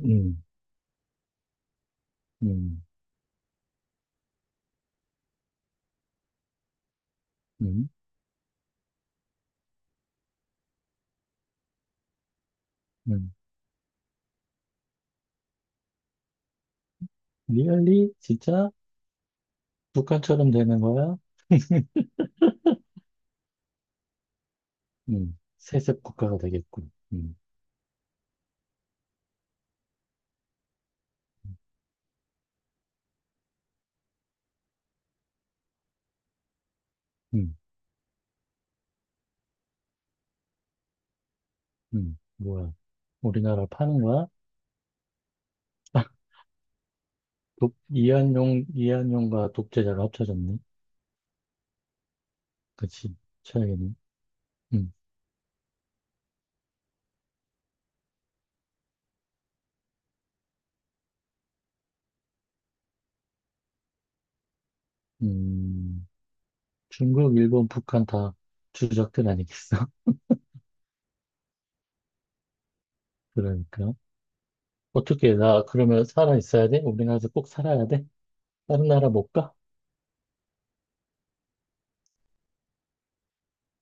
음. 음. 음. 음. 리얼리 진짜 북한처럼 되는 거야? 음. 세습 국가가 되겠군. 음. 음. 음. 뭐야? 우리나라 파는 거야? 이한용, 이한용과 독재자가 합쳐졌네. 그치. 최악이네. 음. 음. 중국, 일본, 북한 다 주적들 아니겠어? 그러니까. 어떻게, 나 그러면 살아 있어야 돼? 우리나라에서 꼭 살아야 돼? 다른 나라 못 가?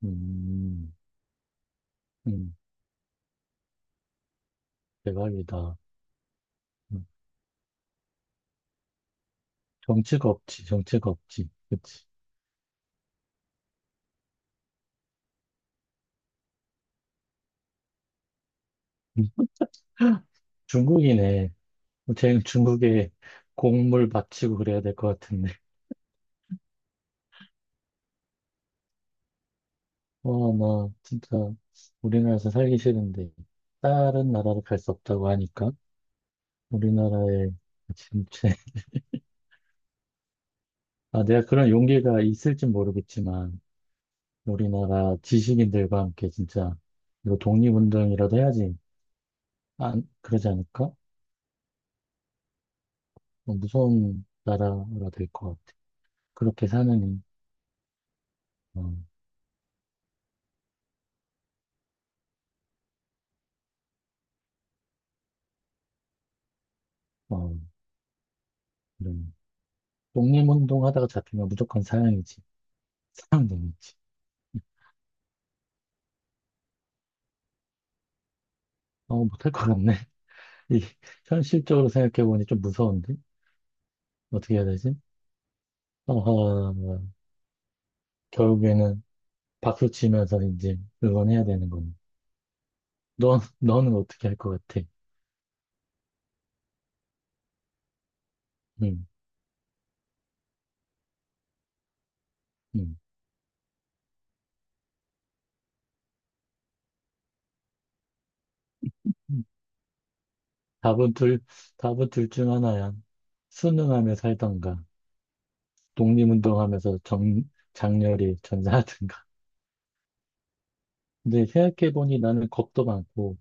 음. 음. 대박이다. 음. 정체가 없지, 정체가 없지. 그치. 음. 중국이네. 쟤는 중국에 공물 바치고 그래야 될 것 같은데. 어, 나 진짜 우리나라에서 살기 싫은데. 다른 나라로 갈 수 없다고 하니까. 우리나라에 진짜. 아, 내가 그런 용기가 있을진 모르겠지만, 우리나라 지식인들과 함께 진짜 이거 독립운동이라도 해야지. 안, 그러지 않을까? 어, 무서운 나라가 될 것 같아. 그렇게 사느니, 어, 어, 그런 독립운동 하다가 잡히면 무조건 사형이지. 사형동이지. 어, 못할 것 같네. 이, 현실적으로 생각해보니 좀 무서운데? 어떻게 해야 되지? 어, 결국에는 박수 치면서 이제 응원해야 되는 거네. 너는 어떻게 할 것 같아? 응. 응. 응. 답은 둘, 답은 둘 중 하나야. 수능하며 살던가, 독립운동하면서 정, 장렬히 전사하든가. 근데 생각해보니 나는 겁도 많고,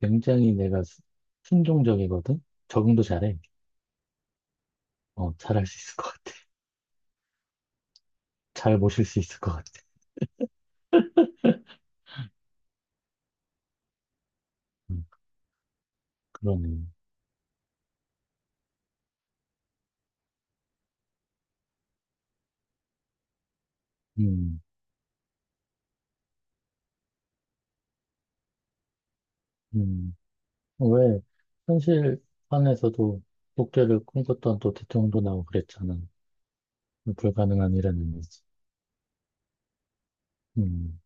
굉장히 내가 순종적이거든? 적응도 잘해. 어, 잘할 수 있을 것 같아. 잘 모실 수 있을 것 같아. 음. 그러네. 음. 음. 어, 왜, 현실판에서도 독재를 꿈꿨던 또 대통령도 나오고 그랬잖아. 불가능한 일은 아니지. 음,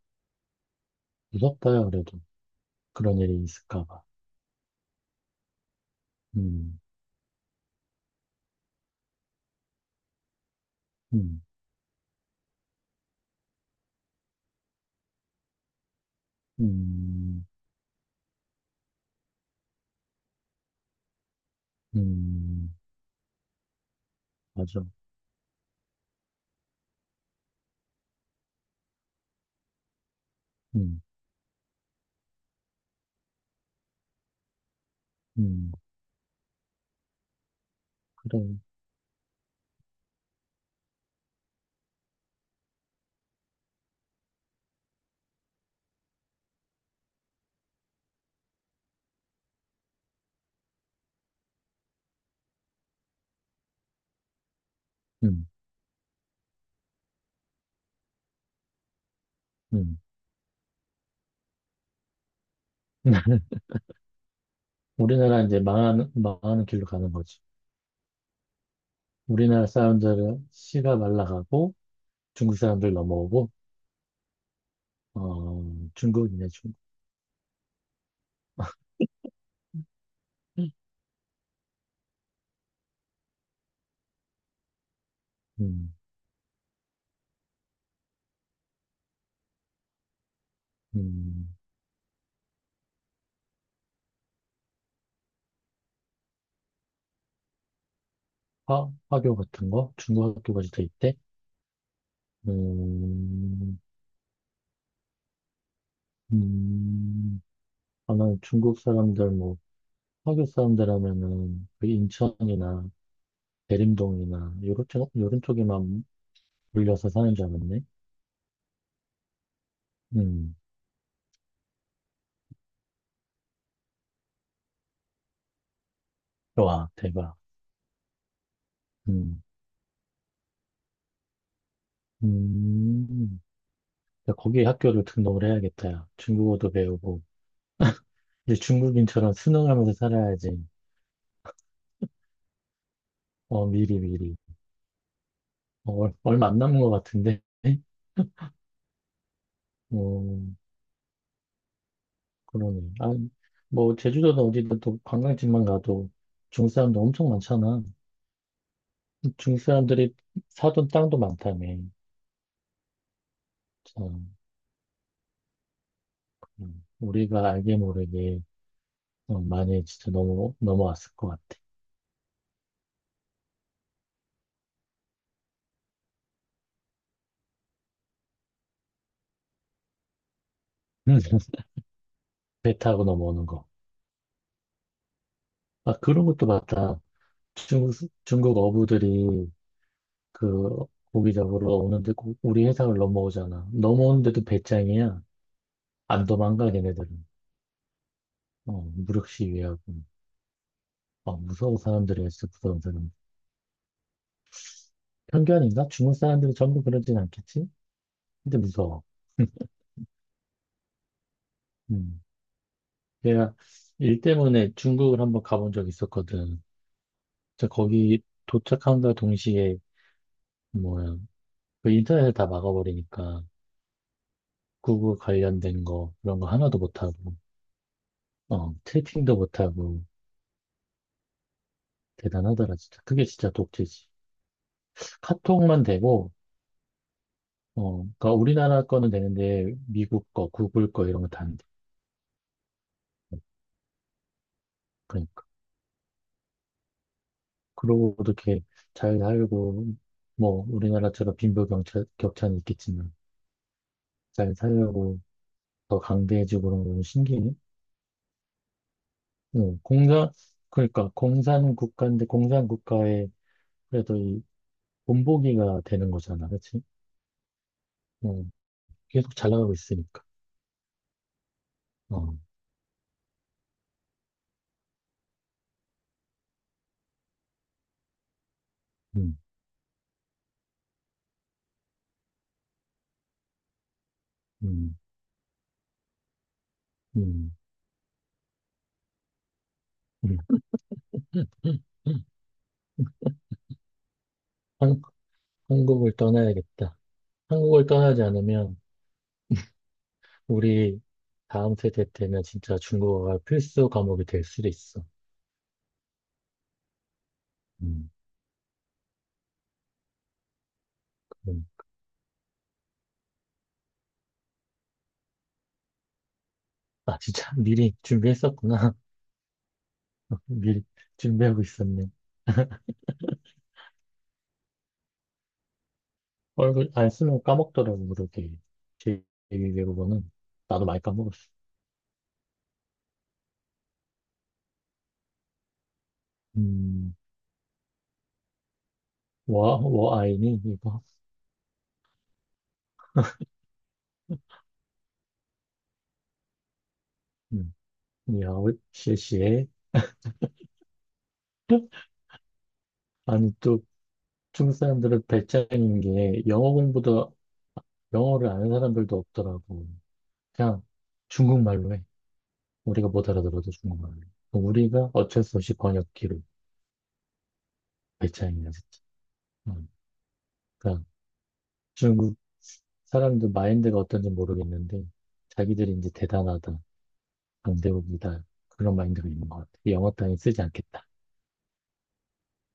무섭다야, 그래도. 그런 일이 있을까 봐. 음. 음. 음. 음. 맞아. 음. 음. 그래. 음. 음. 우리나라 이제 망하는 길로 가는 거지. 우리나라 사람들은 씨가 말라가고 중국 사람들 넘어오고 어, 중국이네 중국. 음. 음. 화, 화교 같은 거? 중국 학교까지 돼 있대? 음. 음. 아마 중국 사람들, 뭐, 화교 사람들 하면은, 그 인천이나 대림동이나, 요런, 요런 쪽에만 몰려서 사는 줄 알았네. 음. 와, 대박. 음. 음. 야, 거기 학교를 등록을 해야겠다, 야. 중국어도 배우고, 이제 중국인처럼 순응하면서 살아야지. 어, 미리, 미리. 어, 얼마 안 남은 것 같은데? 어, 그러네. 아, 뭐, 제주도는 어디든 또 관광지만 가도 중국 사람들 엄청 많잖아. 중국 사람들이 사둔 땅도 많다며. 참, 우리가 알게 모르게 어, 많이 진짜 넘어왔을 것 같아. 배 타고 넘어오는 거. 아, 그런 것도 봤다. 중국, 중국 어부들이 그 고기 잡으러 오는데 우리 해상을 넘어오잖아. 넘어오는데도 배짱이야. 안 도망가 걔네들은. 어, 무력 시위하고. 어, 무서워 사람들이 했어 무서운 사람. 편견인가? 중국 사람들이 전부 그러진 않겠지? 근데 무서워. 음. 내가 일 때문에 중국을 한번 가본 적 있었거든. 진짜 거기 도착함과 동시에 뭐야 그 인터넷을 다 막아버리니까 구글 관련된 거 그런 거 하나도 못하고 어 채팅도 못하고 대단하더라 진짜. 그게 진짜 독재지. 카톡만 되고, 어, 그러니까 우리나라 거는 되는데, 미국 거, 구글 거 이런 거 다 안 돼. 그러니까. 그러고 이렇게 잘 살고, 뭐, 우리나라처럼 격차는 있겠지만, 잘 살려고 더 강대해지고 그런 건 신기해. 응, 공산, 그러니까, 공산 국가인데, 공산 국가에 그래도 이 본보기가 되는 거잖아. 그치? 어, 계속 잘 나가고 있으니까. 어, 음. 음. 음. 음. 음. 음. 한, 한국을 떠나야겠다. 한국을 떠나지 않으면 우리 다음 세대 때는 진짜 중국어가 필수 과목이 될 수도 있어. 음, 그럼. 아, 진짜 미리 준비했었구나. 미리 준비하고 있었네. 얼굴 안 쓰면 까먹더라고, 그렇게. 제2외국어는. 나도 많이 까먹었어. 음, 와, 와 아이니, 이거. 음, 야오, 실시에. 아니, 또 중국 사람들은 배짱인 게 영어 공부도, 영어를 아는 사람들도 없더라고. 그냥 중국말로 해. 우리가 못 알아들어도 중국말로. 우리가 어쩔 수 없이 번역기로 배짱이야, 진짜. 어, 그러니까 중국 사람들 마인드가 어떤지 모르겠는데 자기들이 이제 대단하다, 강대국이다 그런 마인드가 있는 것 같아. 영어 따위 쓰지 않겠다.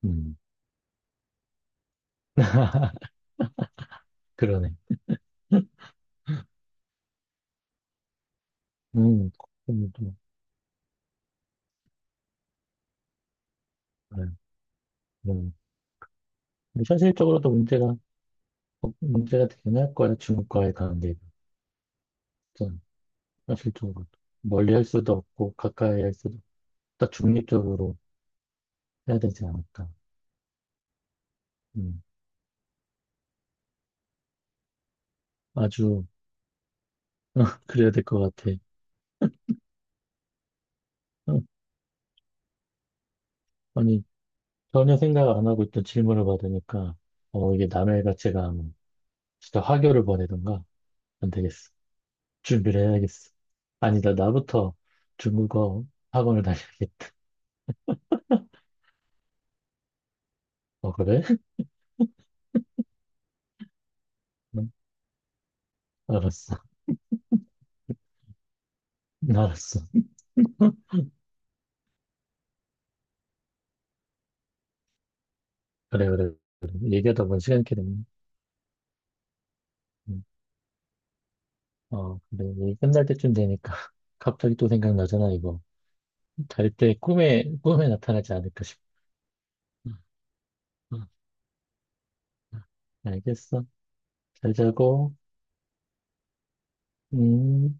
음, 그러네. 그건 또, 아, 음. 근데 현실적으로도 문제가 어, 문제가 되긴 할 거야 중국과의 관계가. 좀 현실적으로 멀리 할 수도 없고 가까이 할 수도 없다 중립적으로 해야 되지 않을까. 음, 아주 어, 그래야 될 것 같아. 어, 아니, 전혀 생각 안 하고 있던 질문을 받으니까, 어, 이게 남의 가치가 뭐 진짜 화교를 보내던가, 안 되겠어. 준비를 해야겠어. 아니다, 나부터 중국어 학원을 다녀야겠다. 어, 그래? 응, 알았어. 알았어. 그래, 그래. 그래. 얘기하다 보니 시간이 이렇게 됐네. 응. 어, 근데 이 끝날 때쯤 되니까 갑자기 또 생각나잖아, 이거. 잘 때 꿈에 나타나지 않을까 싶어. 응. 응. 응. 알겠어. 잘 자고, 음.